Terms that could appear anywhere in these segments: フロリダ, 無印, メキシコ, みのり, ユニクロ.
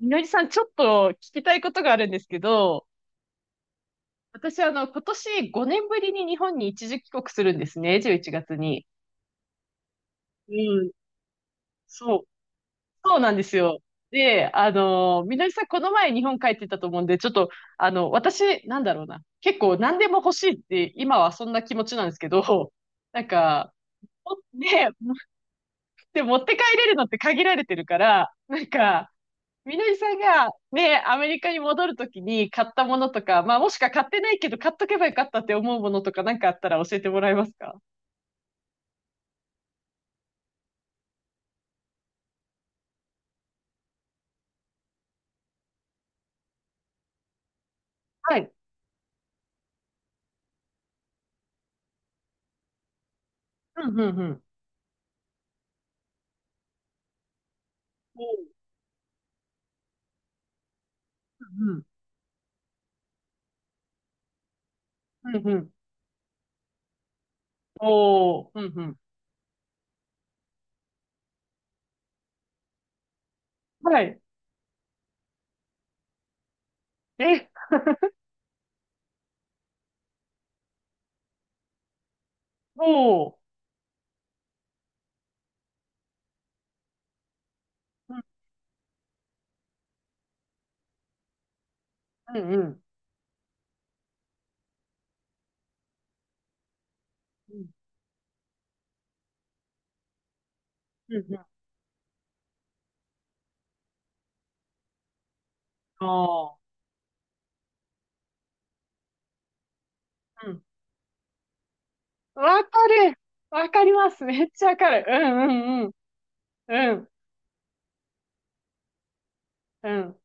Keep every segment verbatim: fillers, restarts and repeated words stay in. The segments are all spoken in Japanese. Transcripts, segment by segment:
みのりさん、ちょっと聞きたいことがあるんですけど、私、あの、今年ごねんぶりに日本に一時帰国するんですね、じゅういちがつに。うん、そう。そうなんですよ。で、あの、みのりさん、この前日本帰ってたと思うんで、ちょっと、あの、私、なんだろうな。結構何でも欲しいって、今はそんな気持ちなんですけど、なんか、ね、持って持って帰れるのって限られてるから、なんか、みのりさんがね、アメリカに戻るときに買ったものとか、まあもしか買ってないけど買っとけばよかったって思うものとかなんかあったら教えてもらえますか？はい。うん、うん、うん。おーうん、うん、うん、うん。おー、うん、うん。はい。え、おー。うん、うん、うん。うん、うん、うん。あー。うん。わかる。わかります。めっちゃわかる。うん、うん、うん。うん、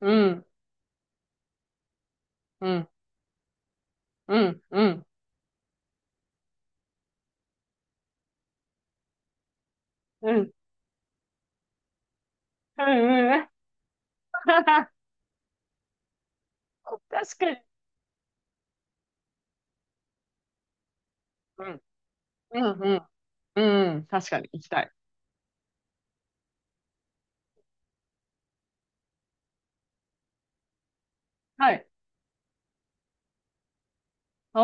うん、うん、うん、うん、うん、うん、うん、うん。確かに。うんうんうん。うん。確かに行きたい。はい。お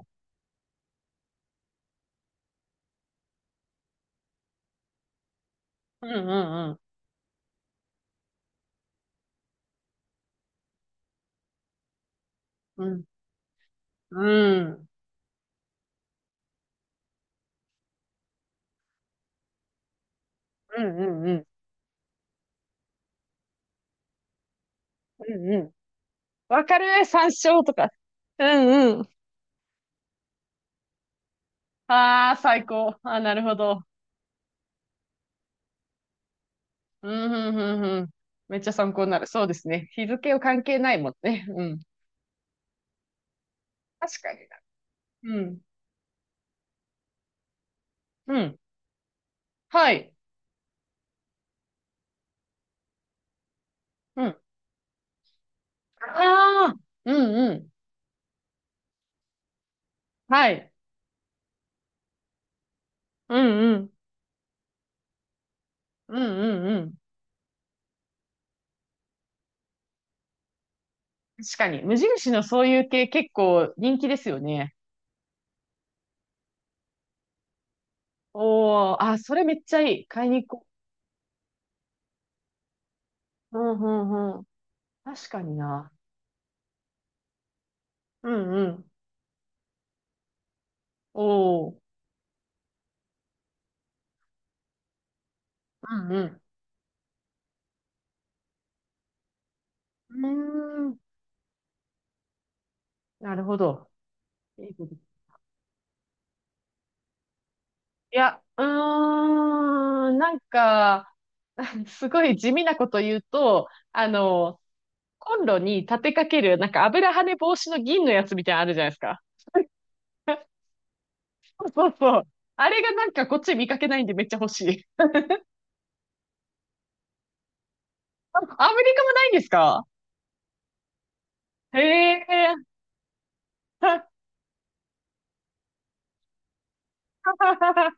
ー。うんうんうん。うん。うんうんうん。うんうん。わかる山椒とか。うんうん。ああ、最高。ああ、なるほど。うんうんうんうん。めっちゃ参考になる。そうですね。日付は関係ないもんね。うん。確かにな。うん。うん。はい。うん。ああ、うんうん。はい。うんうん。うんうんうん。確かに。無印のそういう系結構人気ですよね。おー、あ、それめっちゃいい。買いに行こう。うんうんうん。確かにな。うんうん。おー、うんうん。うーん、なるほど。いいこといや、うーん、なんか、すごい地味なこと言うと、あの、コンロに立てかける、なんか油跳ね防止の銀のやつみたいなのあるじゃないですか。そうそうそう。あれがなんかこっち見かけないんでめっちゃ欲しい。あアメリカもないんですか？へえ。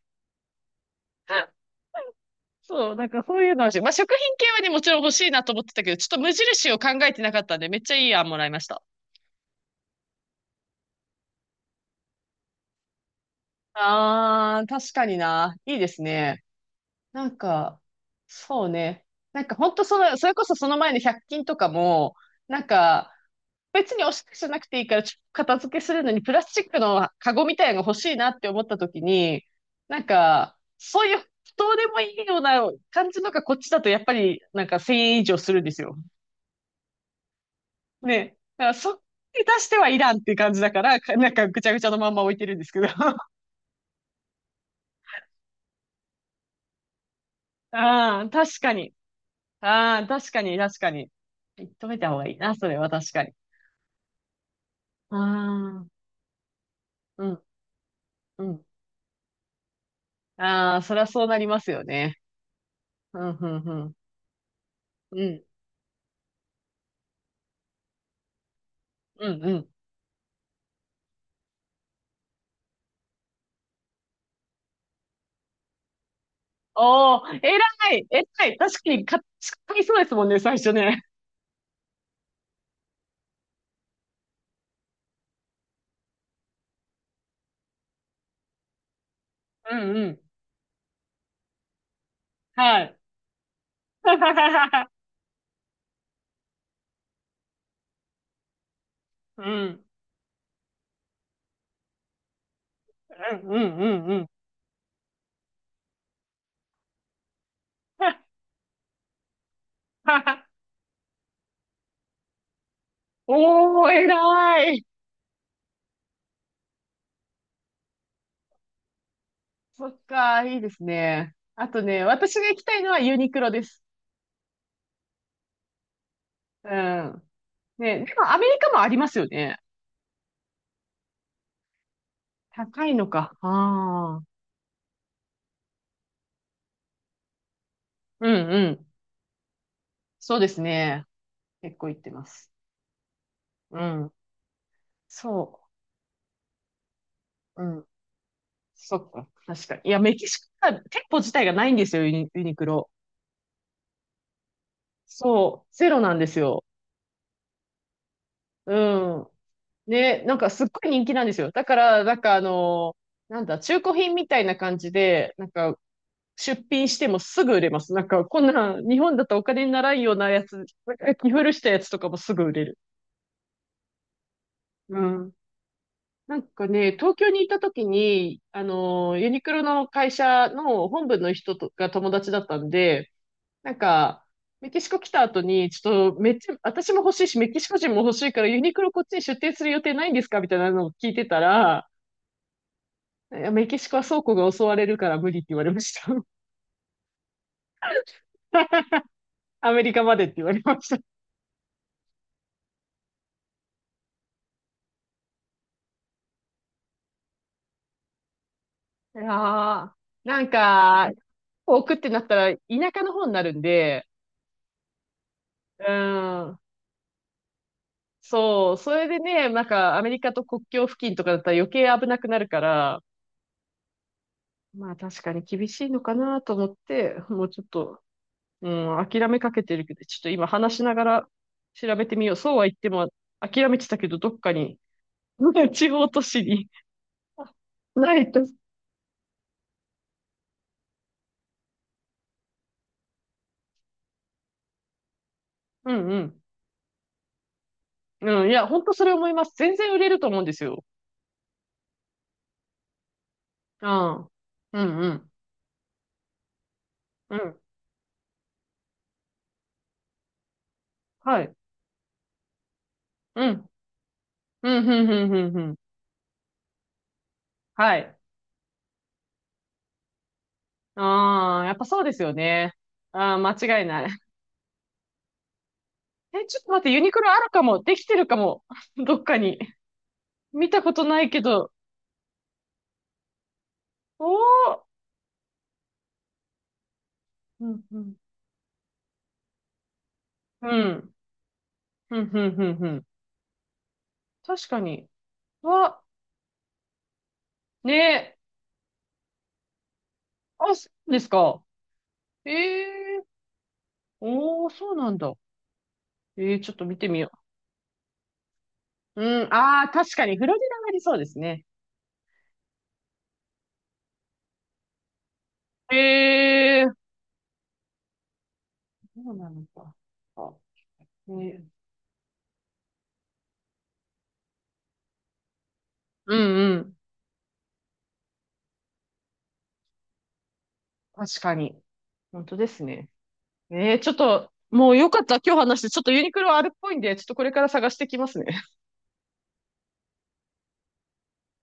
そう、なんかそういうのはし、まあ、食品系はね、もちろん欲しいなと思ってたけど、ちょっと無印を考えてなかったんで、めっちゃいい案もらいました。ああ、確かにな。いいですね。なんか、そうね。なんか本当その、それこそその前のひゃっ均とかも、なんか、別におしゃれじゃなくていいから、ちょっと片付けするのにプラスチックのカゴみたいなのが欲しいなって思った時に、なんか、そういう、どうでもいいような感じのがこっちだとやっぱり、なんかせんえん以上するんですよ。ね、だからそっに出してはいらんっていう感じだから、かなんかぐちゃぐちゃのまんま置いてるんですけど。ああ、確かに。ああ、確かに、確かに。止めた方がいいな、それは確かに。ああ、うん、うん。ああ、そりゃそうなりますよね。うん、うん、うん。うん、うん、うん。おー、偉い、偉い。確かに、か、買いそうですもんね、最初ね。うん、うん。はい。うん、うん、うん、うん、うん。おー、偉い。そっか、いいですね。あとね、私が行きたいのはユニクロです。うん。ね、でもアメリカもありますよね。高いのか。ああ。うんうん。そうですね。結構行ってます。うん。そう。うん。そっか。確かに。いや、メキシコは店舗自体がないんですよ、ユニ、ユニクロ。そう。ゼロなんですよ。うん。ね、なんかすっごい人気なんですよ。だから、なんかあのーなんだ、中古品みたいな感じで、なんか出品してもすぐ売れます。なんか、こんな日本だとお金にならんようなやつ、着古したやつとかもすぐ売れる。うん。なんかね、東京にいた時に、あの、ユニクロの会社の本部の人とが友達だったんで、なんか、メキシコ来た後に、ちょっと、めっちゃ、私も欲しいし、メキシコ人も欲しいから、ユニクロこっちに出店する予定ないんですかみたいなのを聞いてたら、いやメキシコは倉庫が襲われるから無理って言われました。アメリカまでって言われました。いやー、なんか、置くってなったら田舎の方になるんで、うん、そう、それでね、なんかアメリカと国境付近とかだったら余計危なくなるから、まあ確かに厳しいのかなと思って、もうちょっと、うん、諦めかけてるけど、ちょっと今話しながら調べてみよう。そうは言っても諦めてたけど、どっかに、地方都市にないと。うんうん。うん、いや、本当それ思います。全然売れると思うんですよ。うん。ああうんうん。うん。はい。うん。うん、ふんふんふんふん。はい。ああ、やっぱそうですよね。ああ、間違いない。え、ちょっと待って、ユニクロあるかも。できてるかも。どっかに。見たことないけど。おお。うん、うん。うん、うん、うん、うん。うん確かに。わ、ねえ。あ、そうですか。ええー。おお、そうなんだ。ええー、ちょっと見てみよう。うん、ああ、確かに、フロリダがありそうですね。ええー。そうなのか。あねえうんうん確かに。本当ですね。えー、ちょっと、もうよかった。今日話して、ちょっとユニクロはあるっぽいんで、ちょっとこれから探してきますね。